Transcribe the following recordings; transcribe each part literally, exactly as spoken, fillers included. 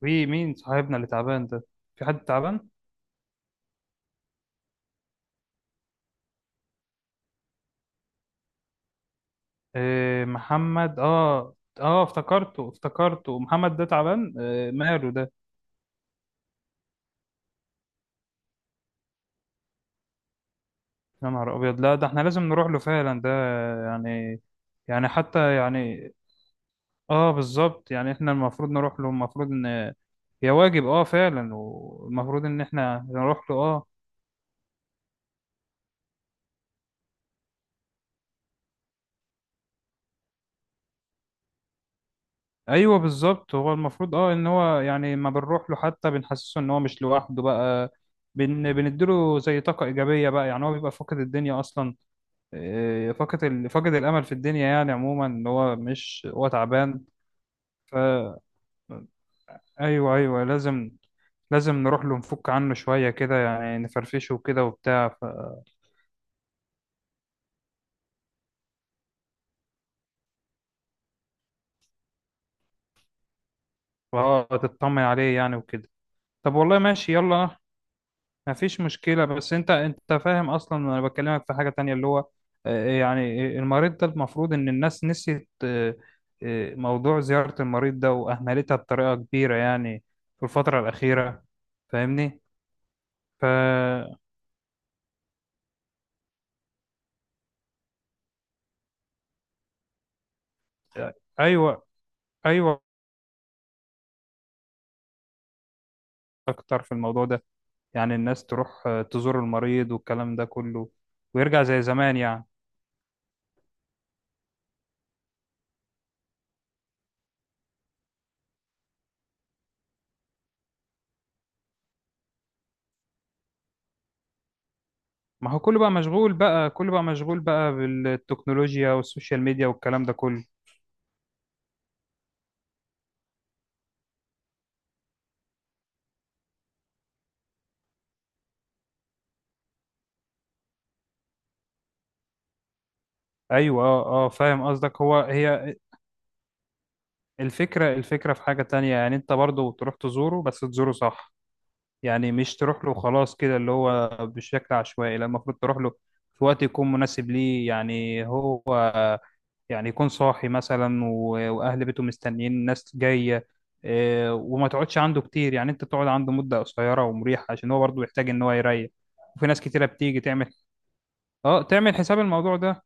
في مين صاحبنا اللي تعبان ده؟ في حد تعبان؟ آه، محمد، اه اه افتكرته افتكرته، محمد ده تعبان؟ آه، ماله ده؟ يا نهار ابيض! لا ده احنا لازم نروح له فعلا ده، يعني يعني حتى يعني. اه، بالظبط، يعني احنا المفروض نروح له، المفروض ان هي واجب، اه فعلا، والمفروض ان احنا نروح له اه. ايوه بالظبط، هو المفروض اه، ان هو يعني ما بنروح له حتى بنحسسه ان هو مش لوحده بقى. بن بنديله زي طاقة إيجابية بقى، يعني هو بيبقى فاقد الدنيا أصلا. إيه، فاقد ال... فاقد الأمل في الدنيا يعني عموما، إن هو مش، هو تعبان. ف أيوه أيوه، لازم، لازم نروح له، نفك عنه شوية كده، يعني نفرفشه وكده وبتاع ف... فهو تطمن عليه يعني وكده. طب والله ماشي، يلا، ما فيش مشكلة. بس انت انت فاهم اصلا انا بكلمك في حاجة تانية اللي هو، آه، آه، يعني، آه، المريض ده المفروض ان الناس نسيت، آه، آه، موضوع زيارة المريض ده واهملتها بطريقة كبيرة يعني في الفترة الأخيرة. فاهمني؟ ف ايوه ايوه، اكتر في الموضوع ده، يعني الناس تروح، آه، تزور المريض والكلام ده كله، ويرجع زي زمان يعني. ما هو كله بقى مشغول بقى، كله بقى مشغول بقى بالتكنولوجيا والسوشيال ميديا والكلام ده كله. ايوه اه اه، فاهم قصدك. هو هي، الفكره الفكره في حاجه تانية، يعني انت برضو تروح تزوره بس تزوره صح. يعني مش تروح له خلاص كده اللي هو بشكل عشوائي، لا، المفروض تروح له في وقت يكون مناسب ليه، يعني هو يعني يكون صاحي مثلا و- واهل بيته مستنيين ناس جايه. آه، وما تقعدش عنده كتير، يعني انت تقعد عنده مده قصيره ومريحه عشان هو برضو يحتاج ان هو يريح. وفي ناس كتيره بتيجي تعمل، اه تعمل حساب الموضوع ده.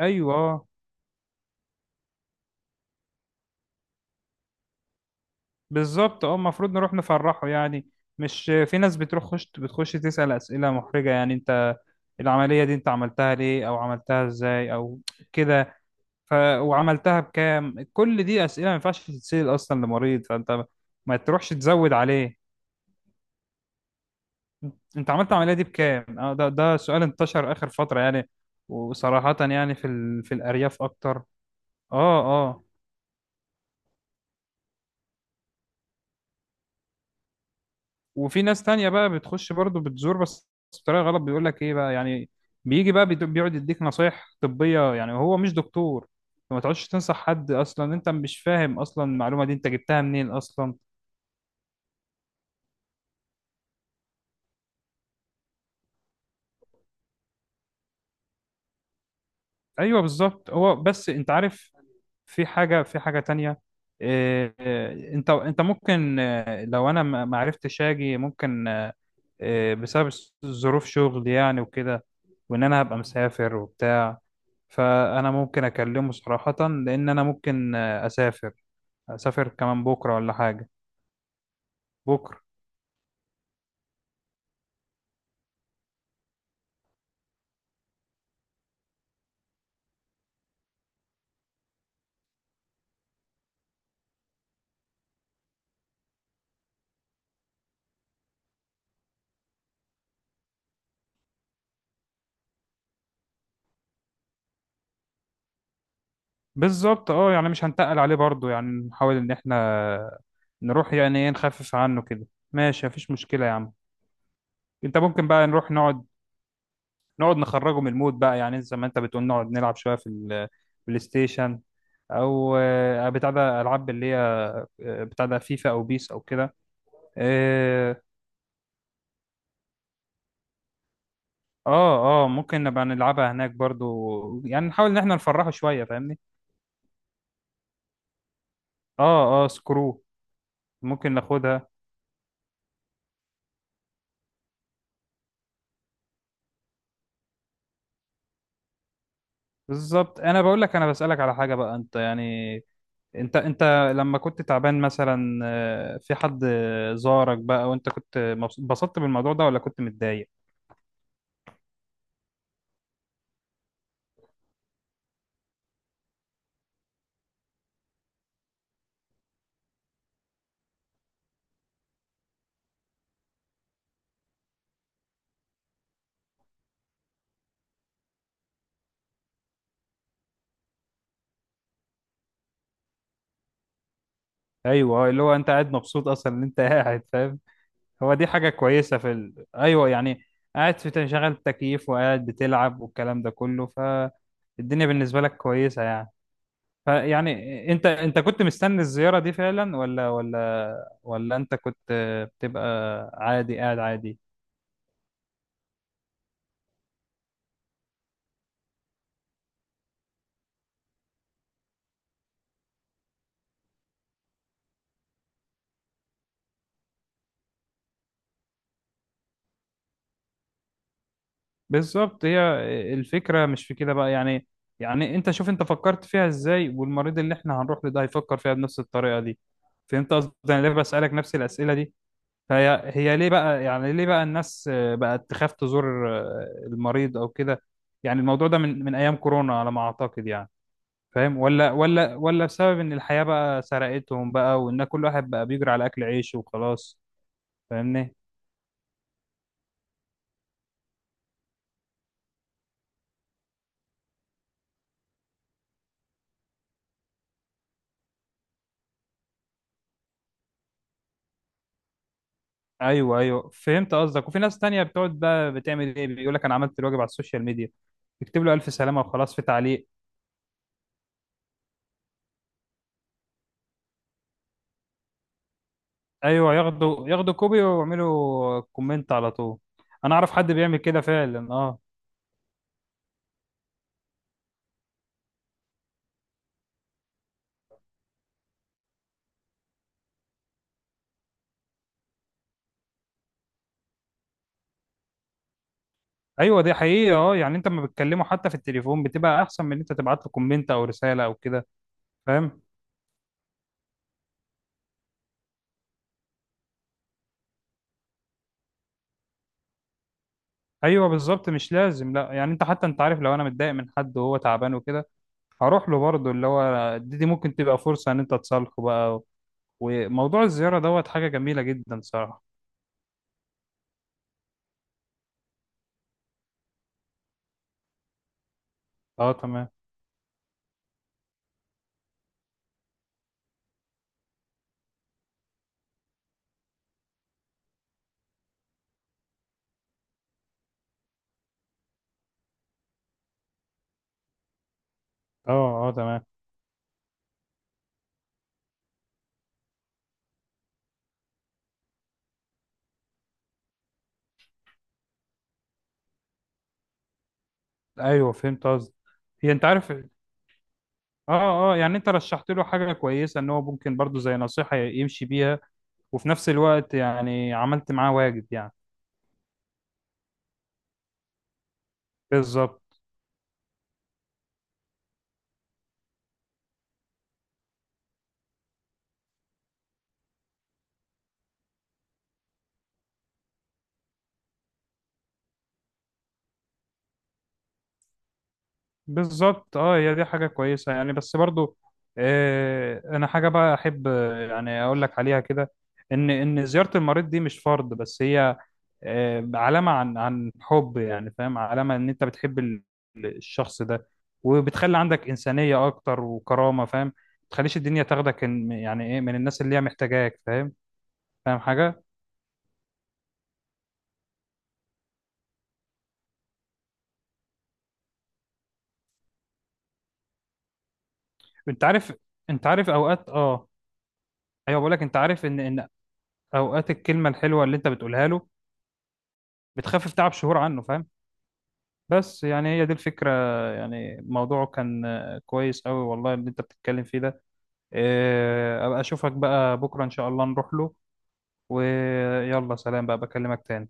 ايوه آه. بالظبط، اه المفروض نروح نفرحه يعني. مش في ناس بتروح خش بتخش تسأل أسئلة محرجة، يعني انت العملية دي انت عملتها ليه، او عملتها ازاي، او كده. ف وعملتها بكام، كل دي أسئلة ما ينفعش تتسأل اصلا لمريض، فانت ما تروحش تزود عليه. انت عملت العملية دي بكام؟ اه، ده ده سؤال انتشر آخر فترة يعني. وصراحة يعني في ال... في الأرياف اكتر. اه اه. وفي ناس تانية بقى بتخش برضو بتزور بس بطريقة غلط، بيقول لك ايه بقى يعني، بيجي بقى بيد- بيقعد يديك نصايح طبية، يعني هو مش دكتور، فما تقعدش تنصح حد اصلا، انت مش فاهم اصلا المعلومة دي انت جبتها منين اصلا. ايوه بالظبط، هو بس انت عارف، في حاجه، في حاجه تانية. إيه إيه، انت انت ممكن، آه، لو انا ما ما عرفتش اجي ممكن، آه، آه، بسبب ظروف شغل يعني وكده، وان انا هبقى مسافر وبتاع. فانا ممكن اكلمه صراحه، لان انا ممكن، آه، اسافر، اسافر كمان بكره ولا حاجه. بكره بالظبط، اه يعني مش هنتقل عليه برضو، يعني نحاول ان احنا نروح، يعني ايه، نخفف عنه كده. ماشي، مفيش مشكله يا عم. انت ممكن بقى نروح نقعد، نقعد نخرجه من المود بقى، يعني زي ما انت بتقول نقعد نلعب شويه في البلاي ستيشن، او آه، بتاع ده العاب اللي هي، آه، بتاع ده فيفا او بيس او كده. اه اه، آه، ممكن نبقى نلعبها هناك برضو، يعني نحاول ان احنا نفرحه شويه فاهمني. اه اه سكرو، ممكن ناخدها. بالظبط، انا بقول لك، انا بسألك على حاجه بقى. انت يعني، انت انت لما كنت تعبان مثلا، آه، في حد زارك بقى وانت كنت مبسوط- اتبسطت بالموضوع ده ولا كنت متضايق؟ ايوه، آه، اللي هو انت قاعد مبسوط اصلا ان انت قاعد فاهم. هو دي حاجه كويسه في ال... ايوه يعني، قاعد في تشغيل تكييف وقاعد بتلعب والكلام ده كله، فالدنيا بالنسبه لك كويسه يعني. فيعني انت انت كنت مستني الزياره دي فعلا ولا ولا ولا انت كنت بتبقى عادي، قاعد عادي؟ بالظبط، هي الفكره مش في كده بقى يعني. يعني انت شوف انت فكرت فيها ازاي، والمريض اللي احنا هنروح له ده هيفكر فيها بنفس الطريقه دي. فهمت قصدي انا ليه بسالك نفس الاسئله دي. فهي هي ليه بقى، يعني ليه بقى الناس، آه، بقت تخاف تزور، آه، المريض او كده. يعني الموضوع ده من من ايام كورونا على ما اعتقد يعني، فاهم؟ ولا ولا ولا بسبب ان الحياة بقى سرقتهم بقى، وان كل واحد بقى بيجري على اكل عيشه وخلاص. فاهمني؟ ايوه ايوه، فهمت قصدك. وفي ناس تانية بتقعد بقى بتعمل ايه، بيقول لك انا عملت الواجب على السوشيال ميديا، يكتب له الف سلامة وخلاص في تعليق. ايوه، ياخدوا ياخدوا كوبي ويعملوا كومنت على طول. انا اعرف حد بيعمل كده فعلا اه. ايوه دي حقيقه اه، يعني انت لما بتكلمه حتى في التليفون بتبقى احسن من ان انت تبعت له كومنت او رساله او كده فاهم. ايوه بالظبط، مش لازم، لا يعني انت حتى انت عارف لو انا متضايق من حد وهو تعبان وكده هروح له برضه، اللي هو دي, دي ممكن تبقى فرصه ان انت تصالحه بقى. وموضوع الزياره دوت حاجه جميله جدا صراحه. اه تمام. اه اه تمام، ايوه فهمت قصدي. هي انت عارف اه. اه يعني انت رشحت له حاجه كويسه ان هو ممكن برضه زي نصيحه يمشي بيها، وفي نفس الوقت يعني عملت معاه واجب يعني. بالظبط، بالظبط اه، هي دي حاجة كويسة يعني، بس برضو، آه انا حاجة بقى احب، آه، يعني اقول لك عليها كده. ان ان زيارة المريض دي مش فرض، بس هي، آه، علامة عن عن حب، يعني فاهم، علامة ان انت بتحب ال- الشخص ده، وبتخلي عندك إنسانية اكتر وكرامة، فاهم، ما تخليش الدنيا تاخدك إن- يعني ايه، من الناس اللي هي محتاجاك، فاهم؟ فاهم حاجة، انت عارف انت عارف اوقات اه، ايوه بقول لك، انت عارف ان ان اوقات الكلمة الحلوة اللي انت بتقولها له بتخفف تعب شهور عنه فاهم. بس يعني هي دي الفكرة. يعني موضوعه كان آه، كويس قوي والله اللي انت بتتكلم فيه ده. آه، ابقى اشوفك بقى بكرة ان شاء الله نروح له. ويلا سلام بقى، بكلمك تاني.